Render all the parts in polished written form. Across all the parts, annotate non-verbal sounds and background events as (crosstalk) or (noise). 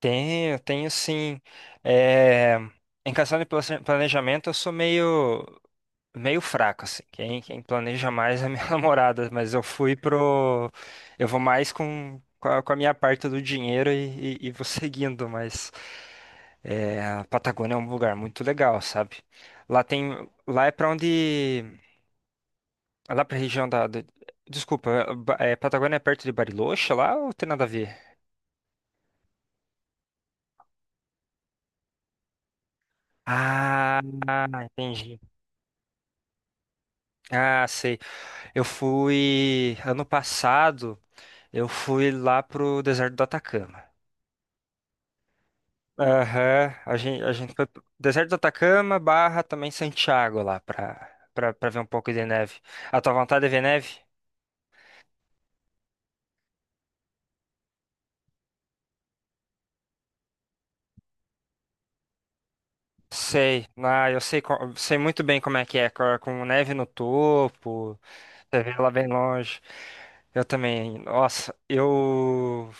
Tenho, tenho sim. É, em questão de planejamento, eu sou meio fraco, assim. Quem planeja mais é minha (laughs) namorada, mas eu fui pro. Eu vou mais com a minha parte do dinheiro e vou (laughs) seguindo, mas é, a Patagônia é um lugar muito legal, sabe? Lá tem. Lá é pra onde. Lá pra região desculpa, é, é, Patagônia é perto de Bariloche lá ou tem nada a ver? Ah, entendi. Ah, sei. Eu fui ano passado, eu fui lá pro deserto do Atacama. Aham, a gente foi pro deserto do Atacama barra também Santiago lá pra ver um pouco de neve. A tua vontade é ver neve? Sei, ah, eu sei, sei muito bem como é que é, com neve no topo, você vê lá bem longe. Eu também, nossa, eu.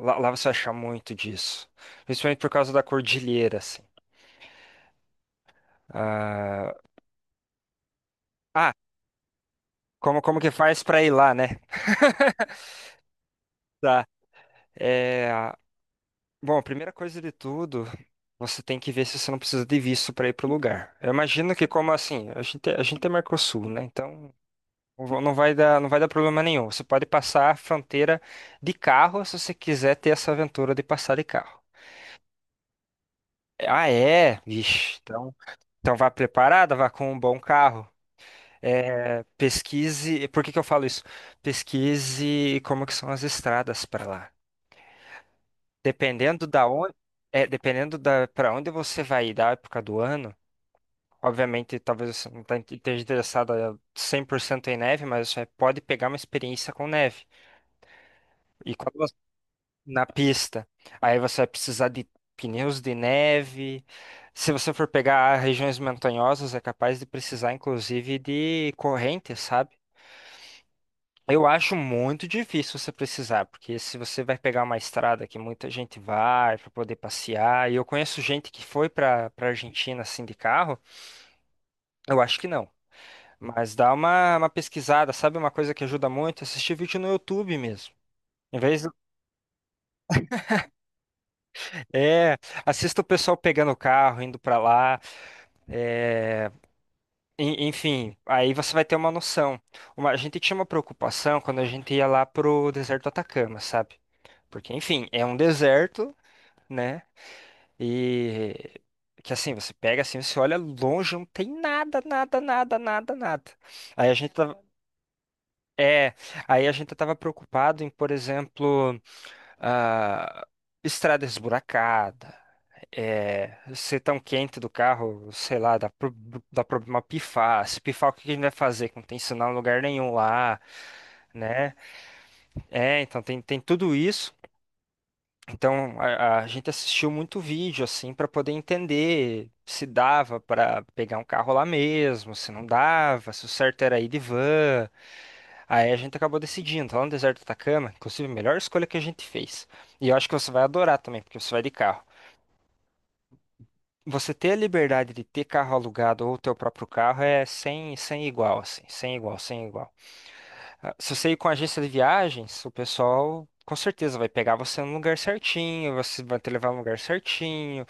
Lá você vai achar muito disso, principalmente por causa da cordilheira, assim. Ah, como que faz pra ir lá, né? (laughs) Tá. É, bom, a primeira coisa de tudo, você tem que ver se você não precisa de visto para ir pro lugar. Eu imagino que como assim, a gente é Mercosul, né? Então não vai dar problema nenhum. Você pode passar a fronteira de carro se você quiser ter essa aventura de passar de carro. Ah, é? Vixe, então, então vá preparada, vá com um bom carro. É, pesquise, por que que eu falo isso? Pesquise como que são as estradas para lá. Dependendo da onde, é, dependendo da para onde você vai ir da época do ano, obviamente talvez você não tá- esteja interessado a 100% em neve, mas você pode pegar uma experiência com neve. E quando você, na pista, aí você vai precisar de pneus de neve. Se você for pegar regiões montanhosas, é capaz de precisar inclusive de correntes, sabe? Eu acho muito difícil você precisar, porque se você vai pegar uma estrada que muita gente vai para poder passear, e eu conheço gente que foi para Argentina assim de carro, eu acho que não. Mas dá uma pesquisada, sabe uma coisa que ajuda muito? Assistir vídeo no YouTube mesmo. Em vez do- É, assista o pessoal pegando o carro, indo para lá. É, enfim, aí você vai ter uma noção. A gente tinha uma preocupação quando a gente ia lá pro deserto do Atacama, sabe? Porque, enfim, é um deserto né? E que assim, você pega assim, você olha longe, não tem nada, nada, nada, nada, nada. Aí a gente tava, é, aí a gente tava preocupado em, por exemplo, ah, estrada esburacada, é, ser tão quente do carro, sei lá, dá, dá problema pifar. Se pifar, o que a gente vai fazer? Que não tem sinal em lugar nenhum lá, né? É, então tem tudo isso. Então a gente assistiu muito vídeo assim para poder entender se dava para pegar um carro lá mesmo, se não dava, se o certo era ir de van. Aí a gente acabou decidindo, lá no deserto do Atacama, inclusive a melhor escolha que a gente fez. E eu acho que você vai adorar também, porque você vai de carro. Você ter a liberdade de ter carro alugado ou o teu próprio carro é sem, sem igual, assim, sem igual, sem igual. Ah, se você ir com a agência de viagens, o pessoal com certeza vai pegar você no lugar certinho, você vai te levar no lugar certinho.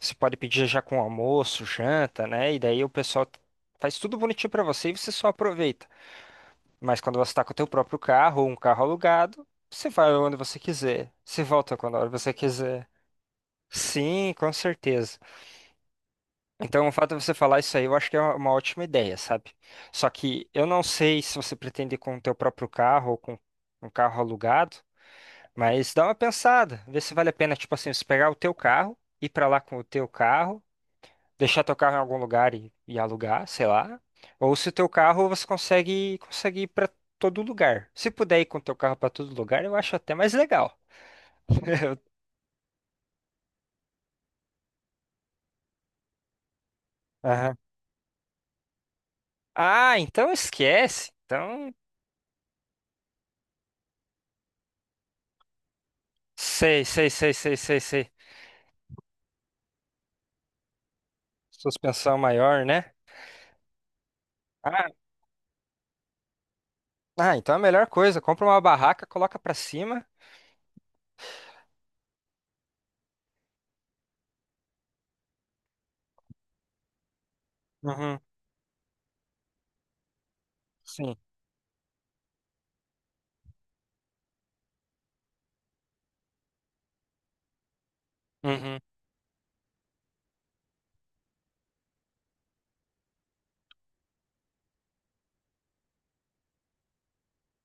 Você pode pedir já com almoço, janta, né? E daí o pessoal faz tudo bonitinho pra você e você só aproveita. Mas quando você tá com o teu próprio carro ou um carro alugado, você vai onde você quiser, você volta quando a hora você quiser. Sim, com certeza. Então, o fato de você falar isso aí, eu acho que é uma ótima ideia, sabe? Só que eu não sei se você pretende ir com o teu próprio carro ou com um carro alugado. Mas dá uma pensada, vê se vale a pena, tipo assim, você pegar o teu carro, ir pra lá com o teu carro, deixar teu carro em algum lugar e alugar, sei lá. Ou se o teu carro você consegue ir pra todo lugar. Se puder ir com o teu carro pra todo lugar, eu acho até mais legal. (laughs) Aham. Ah, então esquece. Então, sei, sei, sei, sei, sei, sei. Suspensão maior, né? Ah, ah, então é a melhor coisa. Compra uma barraca, coloca pra cima. Uhum, sim. Uhum,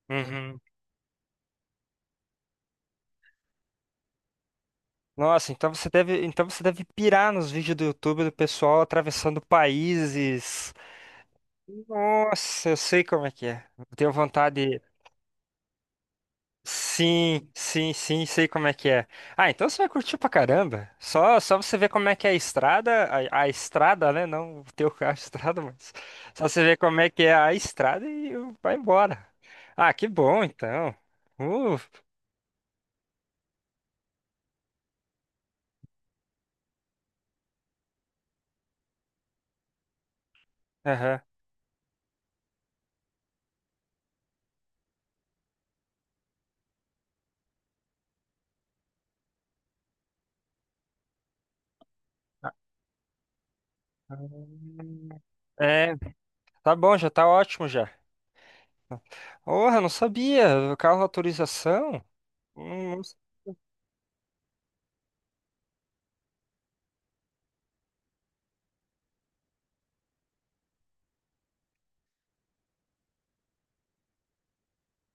uhum. Nossa, então você deve pirar nos vídeos do YouTube do pessoal atravessando países. Nossa, eu sei como é que é. Eu tenho vontade. Sim, sim, sim, sei como é que é. Ah, então você vai curtir pra caramba. Só você ver como é que é a estrada, a estrada, né? Não o teu (laughs) carro, a estrada, mas só você ver como é que é a estrada e vai embora. Ah, que bom, então. Uh, aham. Ah, é, tá bom, já tá ótimo já. Porra, não sabia. Carro autorização? Não- não-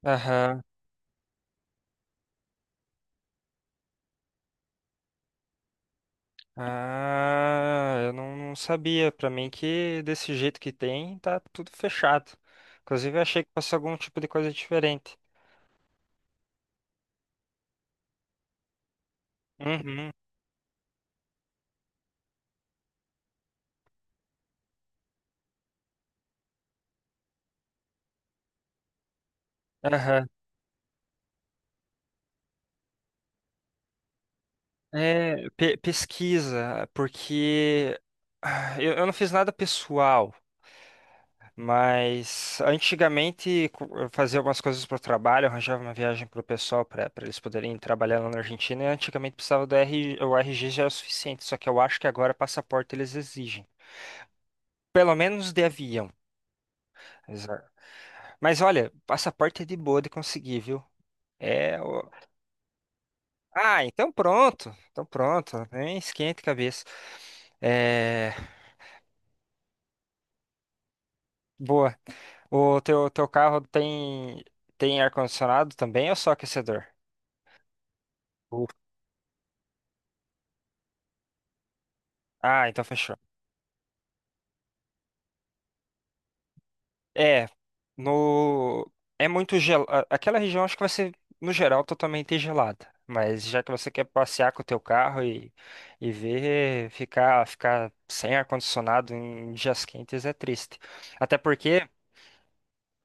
Aham. Ah, eu não, não sabia. Pra mim que desse jeito que tem, tá tudo fechado. Inclusive, eu achei que fosse algum tipo de coisa diferente. Uhum. Aham. É, pesquisa, porque ah, eu não fiz nada pessoal. Mas antigamente eu fazia algumas coisas para o trabalho, arranjava uma viagem para o pessoal para eles poderem trabalhar lá na Argentina. E antigamente precisava do RG, o RG já era o suficiente, só que eu acho que agora passaporte eles exigem. Pelo menos de avião. Exa- Mas olha, passaporte é de boa de conseguir, viu? É. o- Ah, então pronto. Então pronto. Nem esquente cabeça. É. Boa. O teu carro tem, tem ar-condicionado também ou só aquecedor? Ah, então fechou. É, no é muito gel... a- Aquela região acho que vai ser no geral totalmente gelada, mas já que você quer passear com o teu carro e ver ficar sem ar condicionado em dias quentes é triste. Até porque,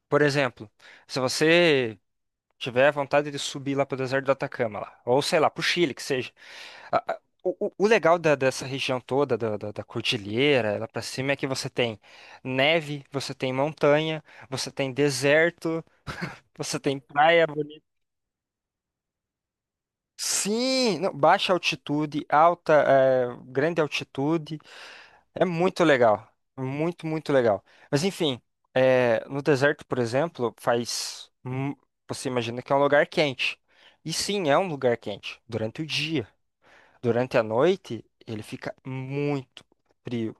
por exemplo, se você tiver vontade de subir lá pro deserto do Atacama lá, ou sei lá, pro Chile que seja, o legal dessa região toda, da cordilheira, lá pra cima, é que você tem neve, você tem montanha, você tem deserto, você tem praia bonita. Sim, não, baixa altitude, alta, é, grande altitude. É muito legal. Muito, muito legal. Mas enfim, é, no deserto, por exemplo, faz. Você imagina que é um lugar quente. E sim, é um lugar quente. Durante o dia. Durante a noite, ele fica muito frio.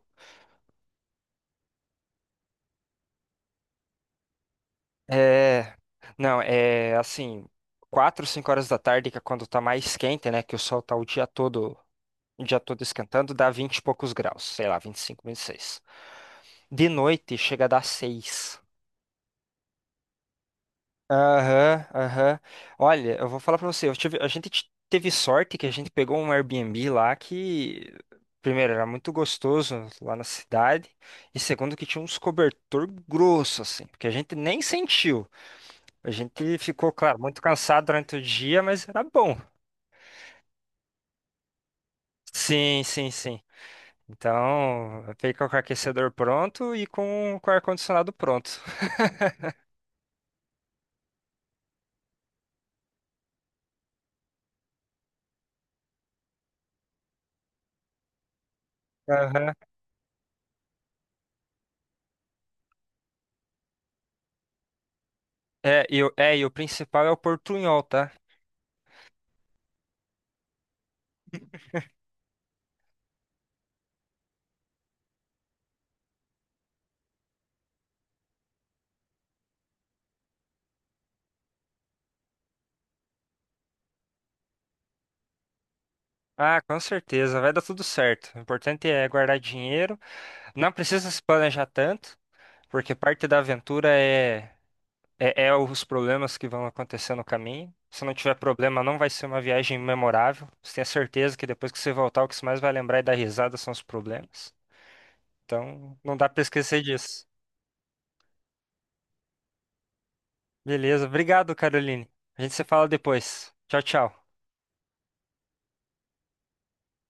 É, não, é assim, 4, 5 horas da tarde, que é quando tá mais quente, né? Que o sol tá o dia todo esquentando, dá 20 e poucos graus, sei lá, 20, 25, 26. De noite chega a dar 6. Aham, aham. Olha, eu vou falar pra você, eu tive, teve sorte que a gente pegou um Airbnb lá que, primeiro, era muito gostoso lá na cidade, e segundo, que tinha uns cobertor grosso, assim, porque a gente nem sentiu. A gente ficou, claro, muito cansado durante o dia, mas era bom. Sim, sim, sim. Então, fica com o aquecedor pronto e com o ar-condicionado pronto. (laughs) Aham. É, e, é, e o principal é o portunhol, tá? Ah, com certeza, vai dar tudo certo. O importante é guardar dinheiro. Não precisa se planejar tanto, porque parte da aventura é é, é os problemas que vão acontecer no caminho. Se não tiver problema, não vai ser uma viagem memorável. Você tem a certeza que depois que você voltar, o que você mais vai lembrar e dar risada são os problemas. Então, não dá pra esquecer disso. Beleza, obrigado, Caroline. A gente se fala depois. Tchau, tchau.